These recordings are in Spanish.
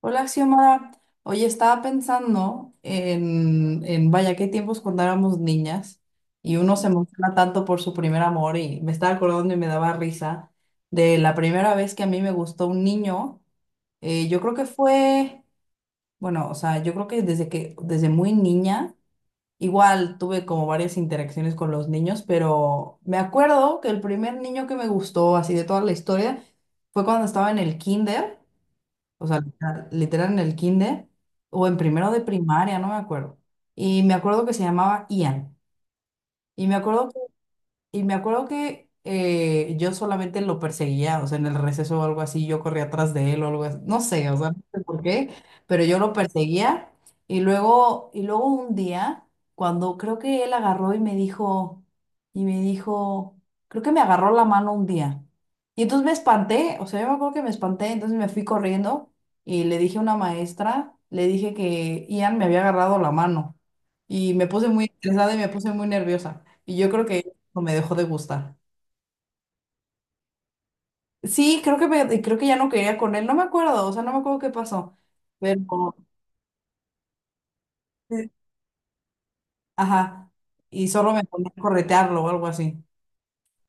Hola, Xiomara. Oye, estaba pensando vaya, qué tiempos cuando éramos niñas y uno se emociona tanto por su primer amor y me estaba acordando y me daba risa de la primera vez que a mí me gustó un niño. Yo creo que fue, bueno, o sea, yo creo que desde muy niña, igual tuve como varias interacciones con los niños, pero me acuerdo que el primer niño que me gustó así de toda la historia fue cuando estaba en el kinder. O sea, literal, literal en el kinder o en primero de primaria, no me acuerdo. Y me acuerdo que se llamaba Ian. Y me acuerdo y me acuerdo que yo solamente lo perseguía, o sea, en el receso o algo así, yo corría atrás de él o algo así, no sé, o sea, no sé por qué, pero yo lo perseguía. Y luego un día, cuando creo que él agarró y me dijo, y me dijo, creo que me agarró la mano un día. Y entonces me espanté, o sea, yo me acuerdo que me espanté, entonces me fui corriendo y le dije a una maestra, le dije que Ian me había agarrado la mano. Y me puse muy estresada y me puse muy nerviosa. Y yo creo que o me dejó de gustar. Sí, creo que ya no quería con él, no me acuerdo, o sea, no me acuerdo qué pasó, pero, eh, ajá, y solo me ponía a corretearlo o algo así.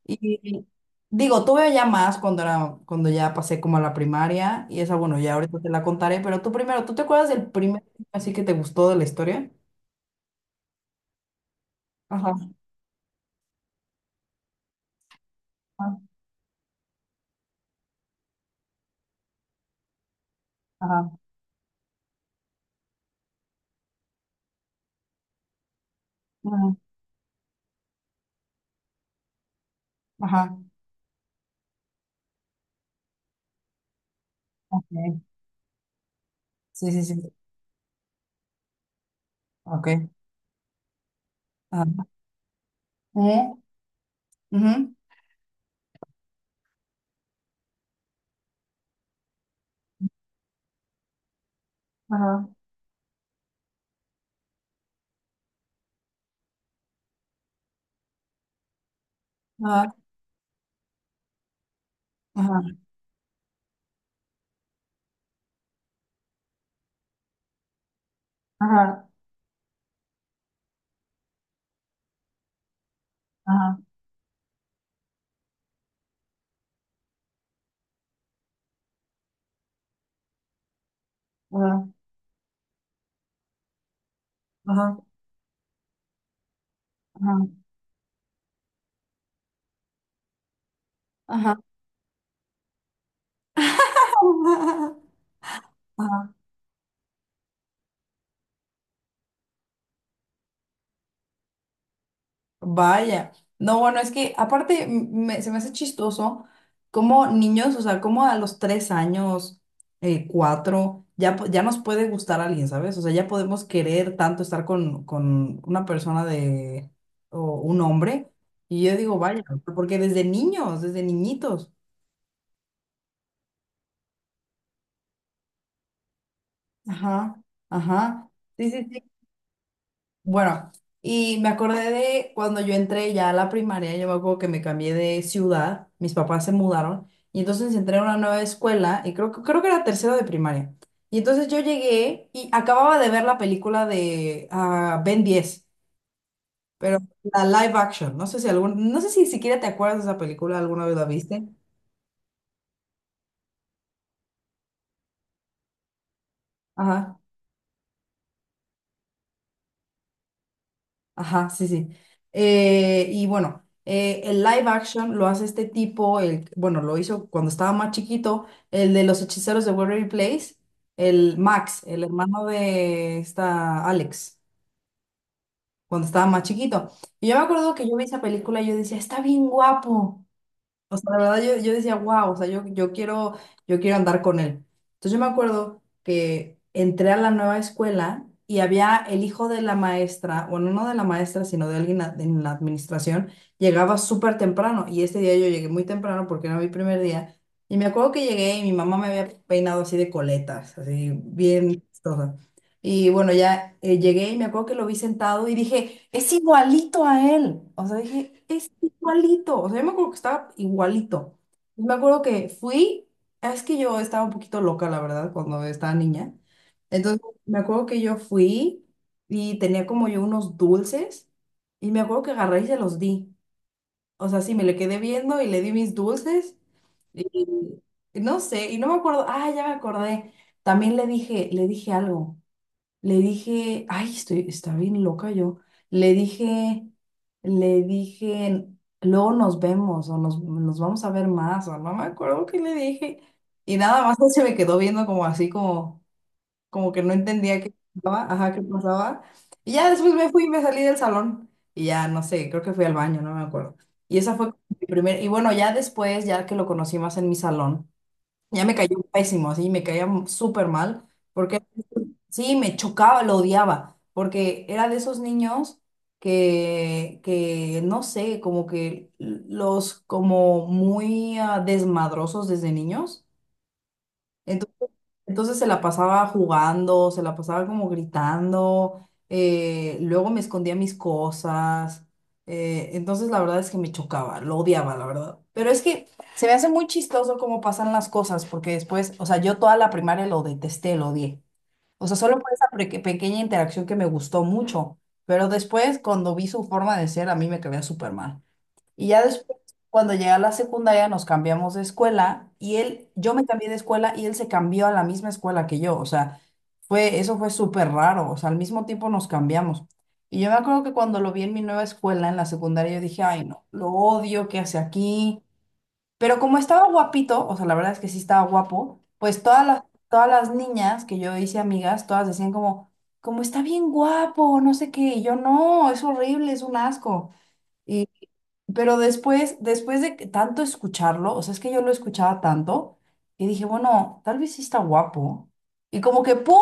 Y digo, tuve ya más cuando era, cuando ya pasé como a la primaria, y esa, bueno, ya ahorita te la contaré, pero tú primero, ¿tú te acuerdas del primer anime así que te gustó de la historia? Ajá, ajá, ajá, ujú, ajá, ok, sí, sí, sí, ok, ajá, eh ujú, ajá, ajá, ajá, ajá, ajá, ajá. Ajá, ajá, ajá. Ajá. Vaya. No, bueno, es que aparte se me hace chistoso como niños, o sea, como a los 3 años, cuatro, ya, ya nos puede gustar alguien, ¿sabes? O sea, ya podemos querer tanto estar con una persona de, o un hombre. Y yo digo, vaya, porque desde niños, desde niñitos. Ajá, ajá. Sí, sí, sí. Bueno, y me acordé de cuando yo entré ya a la primaria, yo me acuerdo que me cambié de ciudad, mis papás se mudaron, y entonces entré a una nueva escuela, y creo, creo que era tercero de primaria. Y entonces yo llegué y acababa de ver la película de Ben 10, pero la live action, no sé si algún, no sé si siquiera te acuerdas de esa película, alguna vez la viste. Ajá. Ajá, sí, sí. Y bueno, el live action lo hace este tipo, el, bueno, lo hizo cuando estaba más chiquito, el de los hechiceros de Waverly Place, el Max, el hermano de esta Alex, cuando estaba más chiquito. Y yo me acuerdo que yo vi esa película y yo decía, está bien guapo. O sea, la verdad yo, yo decía, wow, o sea, yo, yo quiero andar con él. Entonces yo me acuerdo que entré a la nueva escuela y había el hijo de la maestra, bueno, no de la maestra, sino de alguien en la administración, llegaba súper temprano y este día yo llegué muy temprano porque era mi primer día. Y me acuerdo que llegué y mi mamá me había peinado así de coletas, así bien, chistosa. Y bueno, ya llegué y me acuerdo que lo vi sentado y dije, es igualito a él. O sea, dije, es igualito. O sea, yo me acuerdo que estaba igualito. Y me acuerdo que fui, es que yo estaba un poquito loca, la verdad, cuando estaba niña. Entonces, me acuerdo que yo fui y tenía como yo unos dulces y me acuerdo que agarré y se los di. O sea, sí, me le quedé viendo y le di mis dulces y, y no sé, y no me acuerdo, ah, ya me acordé. También le dije algo. Le dije, ay, estoy, está bien loca yo. Le dije, Le dije, luego nos vemos o nos, nos vamos a ver más o no me acuerdo qué le dije. Y nada más él se me quedó viendo como así, como, como que no entendía qué pasaba, ajá, qué pasaba. Y ya después me fui y me salí del salón y ya no sé, creo que fui al baño, no me acuerdo. Y esa fue como mi primer, y bueno, ya después, ya que lo conocí más en mi salón, ya me cayó pésimo, así, me caía súper mal. Porque sí, me chocaba, lo odiaba, porque era de esos niños que no sé, como que los como muy desmadrosos desde niños. Entonces, entonces se la pasaba jugando, se la pasaba como gritando, luego me escondía mis cosas. Entonces la verdad es que me chocaba, lo odiaba, la verdad. Pero es que se me hace muy chistoso cómo pasan las cosas, porque después, o sea, yo toda la primaria lo detesté, lo odié. O sea, solo por esa pequeña interacción que me gustó mucho. Pero después, cuando vi su forma de ser, a mí me caía súper mal. Y ya después, cuando llegué a la secundaria, nos cambiamos de escuela y él, yo me cambié de escuela y él se cambió a la misma escuela que yo. O sea, fue, eso fue súper raro. O sea, al mismo tiempo nos cambiamos. Y yo me acuerdo que cuando lo vi en mi nueva escuela, en la secundaria, yo dije, ay, no, lo odio, ¿qué hace aquí? Pero como estaba guapito, o sea, la verdad es que sí estaba guapo, pues todas las niñas que yo hice amigas, todas decían como, como está bien guapo, no sé qué, y yo no, es horrible, es un asco. Pero después, después de que tanto escucharlo, o sea, es que yo lo escuchaba tanto, y dije, bueno, tal vez sí está guapo. Y como que, ¡pum!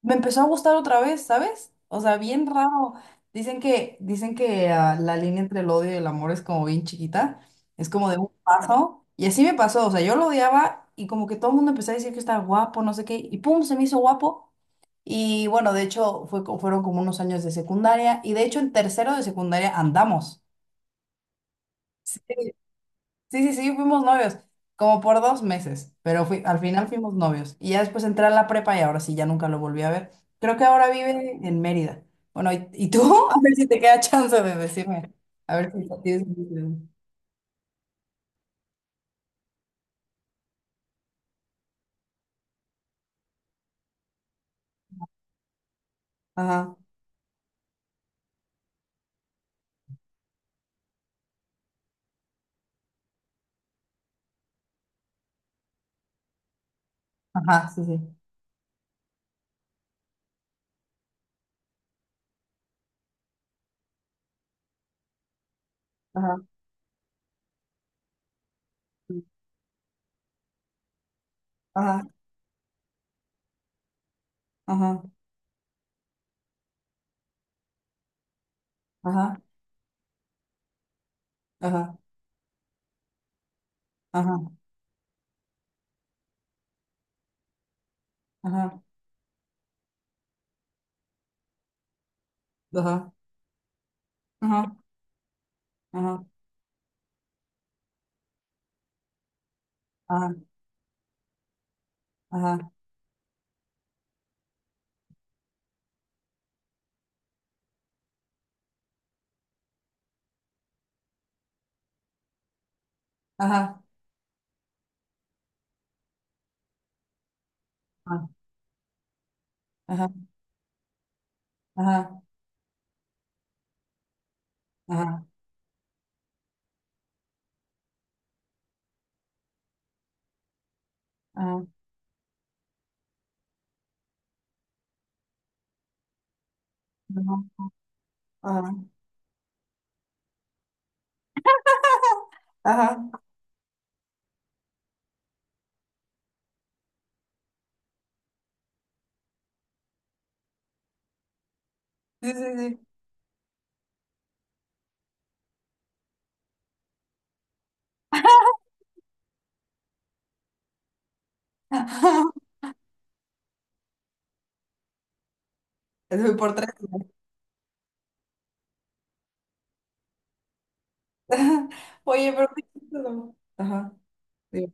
Me empezó a gustar otra vez, ¿sabes? O sea, bien raro. Dicen que la línea entre el odio y el amor es como bien chiquita, es como de un paso. Y así me pasó, o sea, yo lo odiaba y como que todo el mundo empezó a decir que estaba guapo, no sé qué, y ¡pum! Se me hizo guapo. Y bueno, de hecho, fue, fueron como unos años de secundaria, y de hecho en tercero de secundaria andamos. Sí, sí, sí, fuimos novios, como por 2 meses, pero fui, al final fuimos novios. Y ya después entré a la prepa y ahora sí, ya nunca lo volví a ver. Creo que ahora vive en Mérida. Bueno, y tú? A ver si te queda chance de decirme. A ver si tienes... Ajá, ajá, sí, sí. Ajá, sí, ajá, ajá, ajá, ajá, ajá, ajá, ajá, ajá, ajá, ajá, ajá, ajá, ajá, ajá, ajá, ajá, ajá, ajá, ajá, ajá, sí, sí, sí. Eso. Por tres. Oye, pero qué chistoso. Ajá. Digo,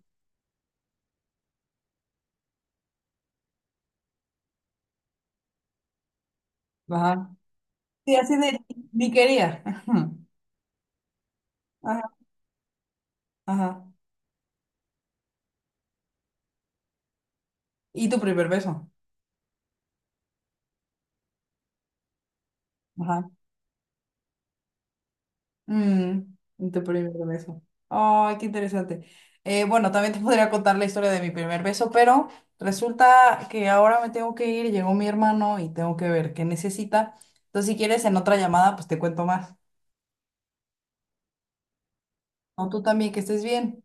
ajá. Sí, así de ni quería. Ajá. Ajá. Y tu primer beso. Ajá. Mm, y tu primer beso. Ay, qué interesante. Bueno, también te podría contar la historia de mi primer beso, pero resulta que ahora me tengo que ir. Llegó mi hermano y tengo que ver qué necesita. Entonces, si quieres, en otra llamada, pues te cuento más. No, tú también, que estés bien.